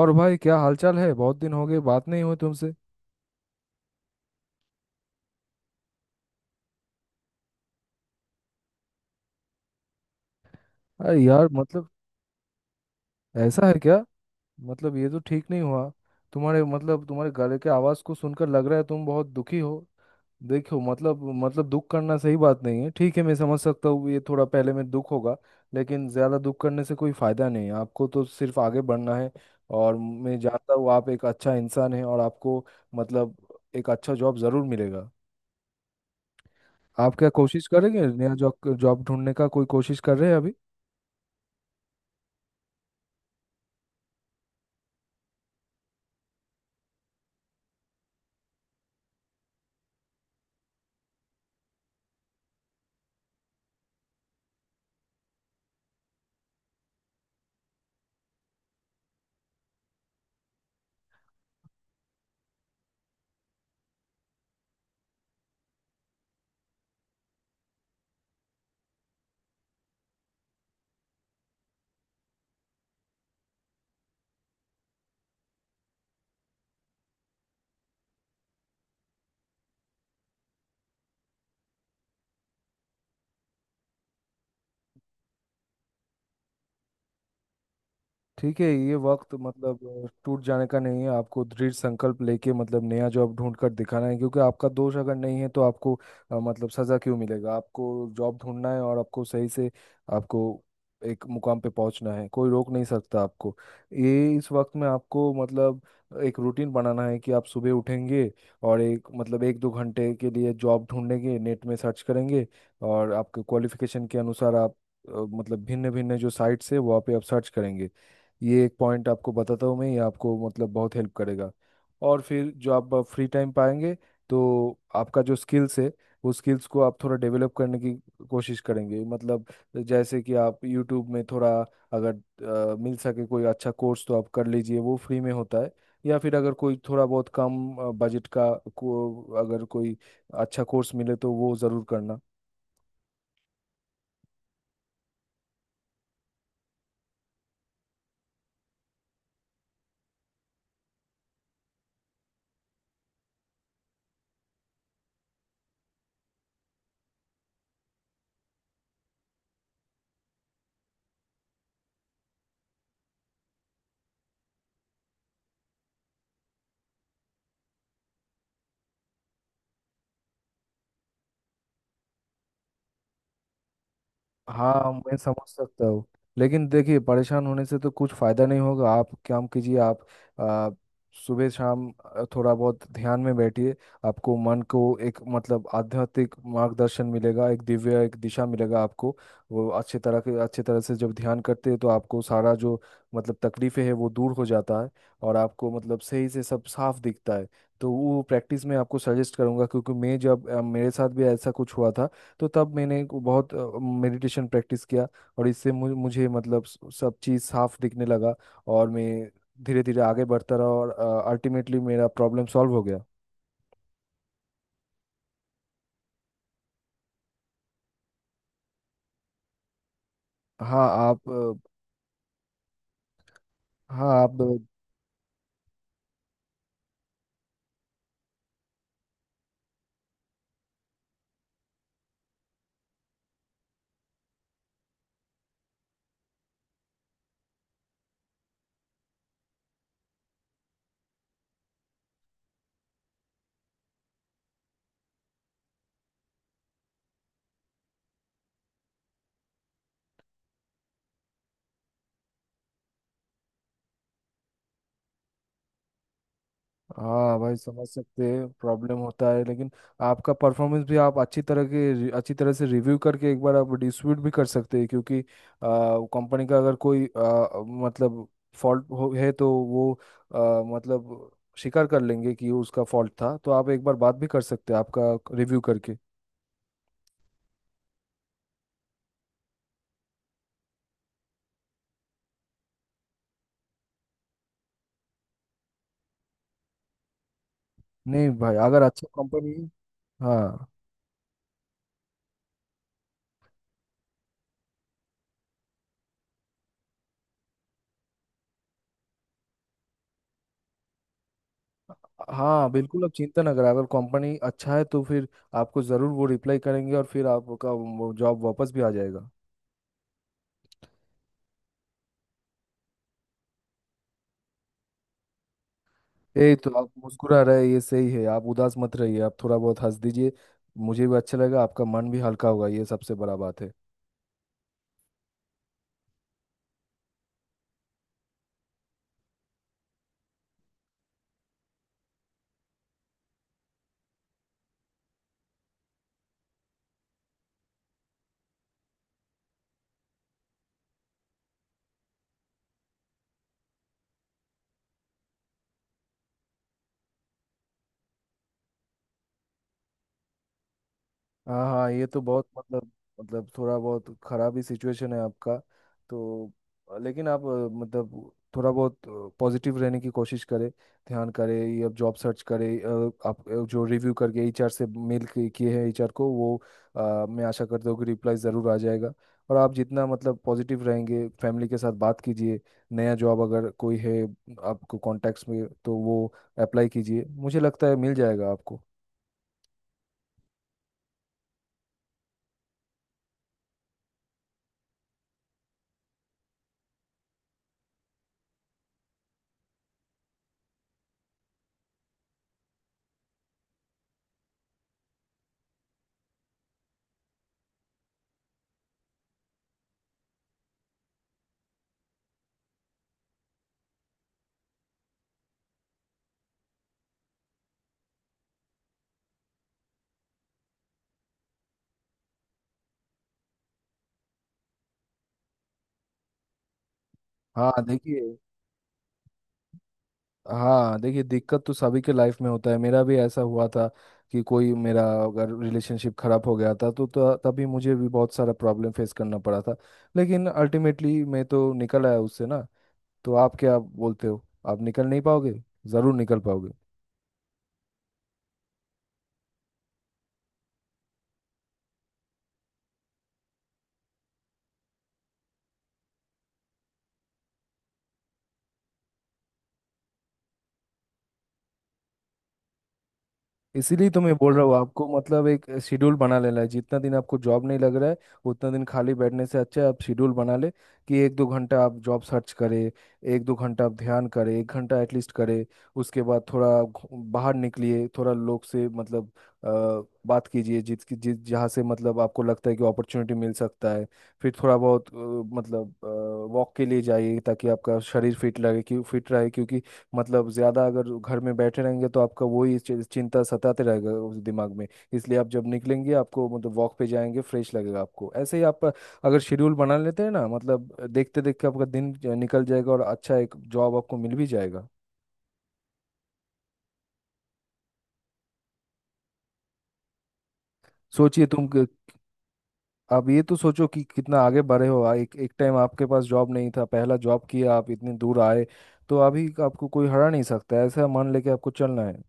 और भाई क्या हालचाल है। बहुत दिन हो गए बात नहीं हुई तुमसे। अरे यार मतलब ऐसा है क्या? मतलब ये तो ठीक नहीं हुआ। तुम्हारे तुम्हारे गले के आवाज़ को सुनकर लग रहा है तुम बहुत दुखी हो। देखो मतलब दुख करना सही बात नहीं है। ठीक है, मैं समझ सकता हूँ ये थोड़ा पहले में दुख होगा। लेकिन ज़्यादा दुख करने से कोई फ़ायदा नहीं है, आपको तो सिर्फ आगे बढ़ना है। और मैं जानता हूँ आप एक अच्छा इंसान हैं और आपको मतलब एक अच्छा जॉब ज़रूर मिलेगा। आप क्या कोशिश करेंगे? नया जॉब जॉब ढूंढने का कोई कोशिश कर रहे हैं अभी? ठीक है, ये वक्त मतलब टूट जाने का नहीं है। आपको दृढ़ संकल्प लेके मतलब नया जॉब ढूंढ कर दिखाना है, क्योंकि आपका दोष अगर नहीं है तो आपको मतलब सजा क्यों मिलेगा आपको? जॉब ढूंढना है और आपको सही से, आपको एक मुकाम पे पहुंचना है, कोई रोक नहीं सकता आपको। ये इस वक्त में आपको मतलब एक रूटीन बनाना है कि आप सुबह उठेंगे, और एक मतलब एक दो घंटे के लिए जॉब ढूंढेंगे, नेट में सर्च करेंगे, और आपके क्वालिफिकेशन के अनुसार आप अ, मतलब भिन्न भिन्न जो साइट्स है वहाँ पे आप सर्च करेंगे। ये एक पॉइंट आपको बताता हूँ मैं, ये आपको मतलब बहुत हेल्प करेगा। और फिर जो आप फ्री टाइम पाएंगे तो आपका जो स्किल्स है वो स्किल्स को आप थोड़ा डेवलप करने की कोशिश करेंगे, मतलब जैसे कि आप यूट्यूब में थोड़ा, अगर मिल सके कोई अच्छा कोर्स तो आप कर लीजिए, वो फ्री में होता है। या फिर अगर कोई थोड़ा बहुत कम बजट का को अगर कोई अच्छा कोर्स मिले तो वो ज़रूर करना। हाँ, मैं समझ सकता हूँ। लेकिन देखिए, परेशान होने से तो कुछ फायदा नहीं होगा, आप काम कीजिए। आप आ, सुबह शाम थोड़ा बहुत ध्यान में बैठिए, आपको मन को एक मतलब आध्यात्मिक मार्गदर्शन मिलेगा, एक दिव्य एक दिशा मिलेगा आपको। वो अच्छे तरह के अच्छे तरह से जब ध्यान करते हैं तो आपको सारा जो मतलब तकलीफें है वो दूर हो जाता है, और आपको मतलब सही से सब साफ दिखता है। तो वो प्रैक्टिस में आपको सजेस्ट करूंगा, क्योंकि मैं जब मेरे साथ भी ऐसा कुछ हुआ था, तो तब मैंने को बहुत मेडिटेशन प्रैक्टिस किया, और इससे मुझे मतलब सब चीज़ साफ दिखने लगा, और मैं धीरे धीरे आगे बढ़ता रहा, और अल्टीमेटली मेरा प्रॉब्लम सॉल्व हो गया। हाँ आप हाँ आप, हाँ भाई समझ सकते हैं, प्रॉब्लम होता है। लेकिन आपका परफॉर्मेंस भी आप अच्छी तरह से रिव्यू करके एक बार आप डिस्प्यूट भी कर सकते हैं, क्योंकि कंपनी का अगर कोई मतलब फॉल्ट हो है तो वो मतलब स्वीकार कर लेंगे कि उसका फॉल्ट था, तो आप एक बार बात भी कर सकते हैं आपका रिव्यू करके। नहीं भाई, अगर अच्छा कंपनी, हाँ, हाँ बिल्कुल, आप चिंता ना करें, अगर कंपनी अच्छा है तो फिर आपको ज़रूर वो रिप्लाई करेंगे और फिर आपका जॉब वापस भी आ जाएगा। यही तो, आप मुस्कुरा रहे हैं, ये सही है, आप उदास मत रहिए, आप थोड़ा बहुत हंस दीजिए, मुझे भी अच्छा लगा, आपका मन भी हल्का होगा, ये सबसे बड़ा बात है। हाँ हाँ, ये तो बहुत मतलब, मतलब थोड़ा बहुत खराब ही सिचुएशन है आपका। तो लेकिन आप मतलब थोड़ा बहुत पॉजिटिव रहने की कोशिश करें, ध्यान करें ये, अब जॉब सर्च करें। आप जो रिव्यू करके एचआर से मेल किए हैं एचआर को, वो मैं आशा करता हूँ कि रिप्लाई ज़रूर आ जाएगा। और आप जितना मतलब पॉजिटिव रहेंगे, फैमिली के साथ बात कीजिए, नया जॉब अगर कोई है आपको कॉन्टैक्ट्स में तो वो अप्लाई कीजिए, मुझे लगता है मिल जाएगा आपको। हाँ देखिए, हाँ देखिए, दिक्कत तो सभी के लाइफ में होता है, मेरा भी ऐसा हुआ था कि कोई मेरा अगर रिलेशनशिप खराब हो गया था, तो तभी मुझे भी बहुत सारा प्रॉब्लम फेस करना पड़ा था, लेकिन अल्टीमेटली मैं तो निकल आया उससे ना। तो आप क्या बोलते हो, आप निकल नहीं पाओगे? जरूर निकल पाओगे। इसीलिए तो मैं बोल रहा हूँ आपको, मतलब एक शेड्यूल बना लेना है। जितना दिन आपको जॉब नहीं लग रहा है उतना दिन खाली बैठने से अच्छा है आप शेड्यूल बना ले, कि एक दो घंटा आप जॉब सर्च करें, एक दो घंटा आप ध्यान करें, एक घंटा एटलीस्ट करें, उसके बाद थोड़ा बाहर निकलिए, थोड़ा लोग से मतलब अ, बात कीजिए, जिस जिस जहाँ से मतलब आपको लगता है कि अपॉर्चुनिटी मिल सकता है, फिर थोड़ा बहुत मतलब वॉक के लिए जाइए ताकि आपका शरीर फिट लगे, क्यों फिट रहे क्योंकि मतलब ज्यादा अगर घर में बैठे रहेंगे तो आपका वही चिंता सताते रहेगा उस दिमाग में। इसलिए आप जब निकलेंगे आपको मतलब वॉक पे जाएंगे, फ्रेश लगेगा आपको, ऐसे ही आप अगर शेड्यूल बना लेते हैं ना, मतलब देखते देखते आपका दिन निकल जाएगा और अच्छा एक जॉब आपको मिल भी जाएगा। सोचिए तुम आप ये तो सोचो कि कितना आगे बढ़े हो। एक एक टाइम आपके पास जॉब नहीं था, पहला जॉब किया, आप इतनी दूर आए, तो अभी आपको कोई हरा नहीं सकता, ऐसा मान लेके आपको चलना है।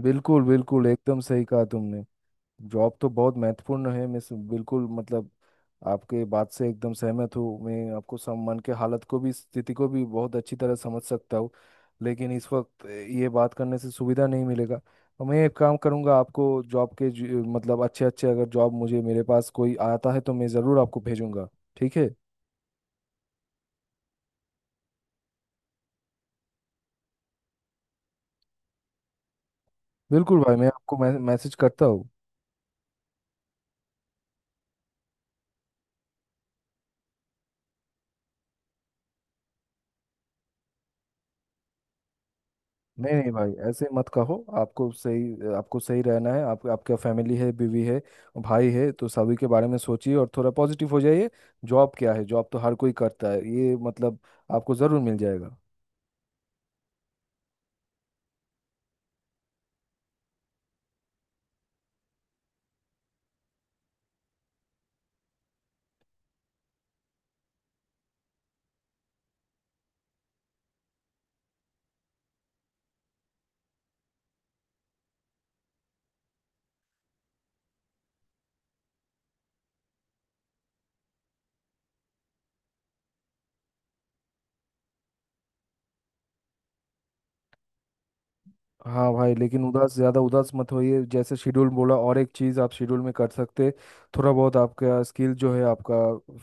बिल्कुल बिल्कुल, एकदम सही कहा तुमने। जॉब तो बहुत महत्वपूर्ण है, मैं बिल्कुल मतलब आपके बात से एकदम सहमत हूँ। मैं आपको सम मन के हालत को भी, स्थिति को भी बहुत अच्छी तरह समझ सकता हूँ, लेकिन इस वक्त ये बात करने से सुविधा नहीं मिलेगा। तो मैं एक काम करूँगा, आपको जॉब के मतलब अच्छे अच्छे अगर जॉब मुझे मेरे पास कोई आता है तो मैं ज़रूर आपको भेजूंगा, ठीक है? बिल्कुल भाई, मैं आपको मैसेज करता हूँ। नहीं नहीं भाई, ऐसे मत कहो, आपको सही, आपको सही रहना है। आप, आपका फैमिली है, बीवी है, भाई है, तो सभी के बारे में सोचिए और थोड़ा पॉजिटिव हो जाइए। जॉब क्या है, जॉब तो हर कोई करता है, ये मतलब आपको ज़रूर मिल जाएगा। हाँ भाई, लेकिन उदास, ज़्यादा उदास मत होइए, जैसे शेड्यूल बोला, और एक चीज़ आप शेड्यूल में कर सकते, थोड़ा बहुत आपका स्किल जो है आपका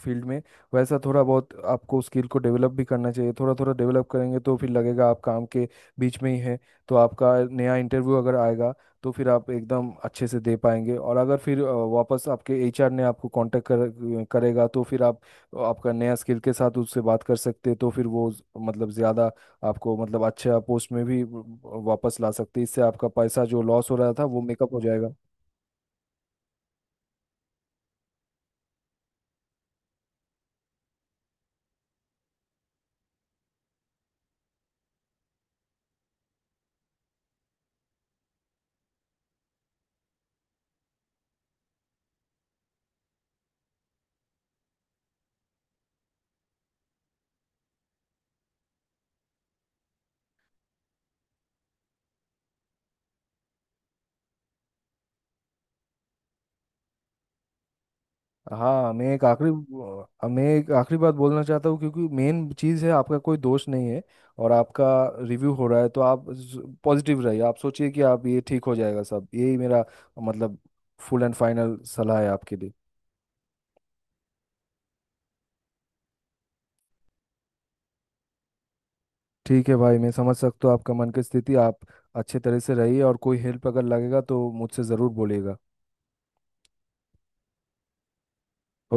फील्ड में, वैसा थोड़ा बहुत आपको स्किल को डेवलप भी करना चाहिए, थोड़ा थोड़ा डेवलप करेंगे तो फिर लगेगा आप काम के बीच में ही है। तो आपका नया इंटरव्यू अगर आएगा तो फिर आप एकदम अच्छे से दे पाएंगे, और अगर फिर वापस आपके एचआर ने आपको कांटेक्ट करेगा तो फिर आप आपका नया स्किल के साथ उससे बात कर सकते, तो फिर वो मतलब ज़्यादा आपको मतलब अच्छा पोस्ट में भी वापस ला सकती है, इससे आपका पैसा जो लॉस हो रहा था वो मेकअप हो जाएगा। हाँ मैं एक आखिरी, मैं एक आखिरी बात बोलना चाहता हूँ, क्योंकि मेन चीज़ है, आपका कोई दोष नहीं है और आपका रिव्यू हो रहा है तो आप पॉजिटिव रहिए, आप सोचिए कि आप ये ठीक हो जाएगा सब, यही मेरा मतलब फुल एंड फाइनल सलाह है आपके लिए। ठीक है भाई, मैं समझ सकता हूँ आपका मन की स्थिति। आप अच्छे तरह से रहिए और कोई हेल्प अगर लगेगा तो मुझसे ज़रूर बोलिएगा।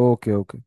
Okay okay.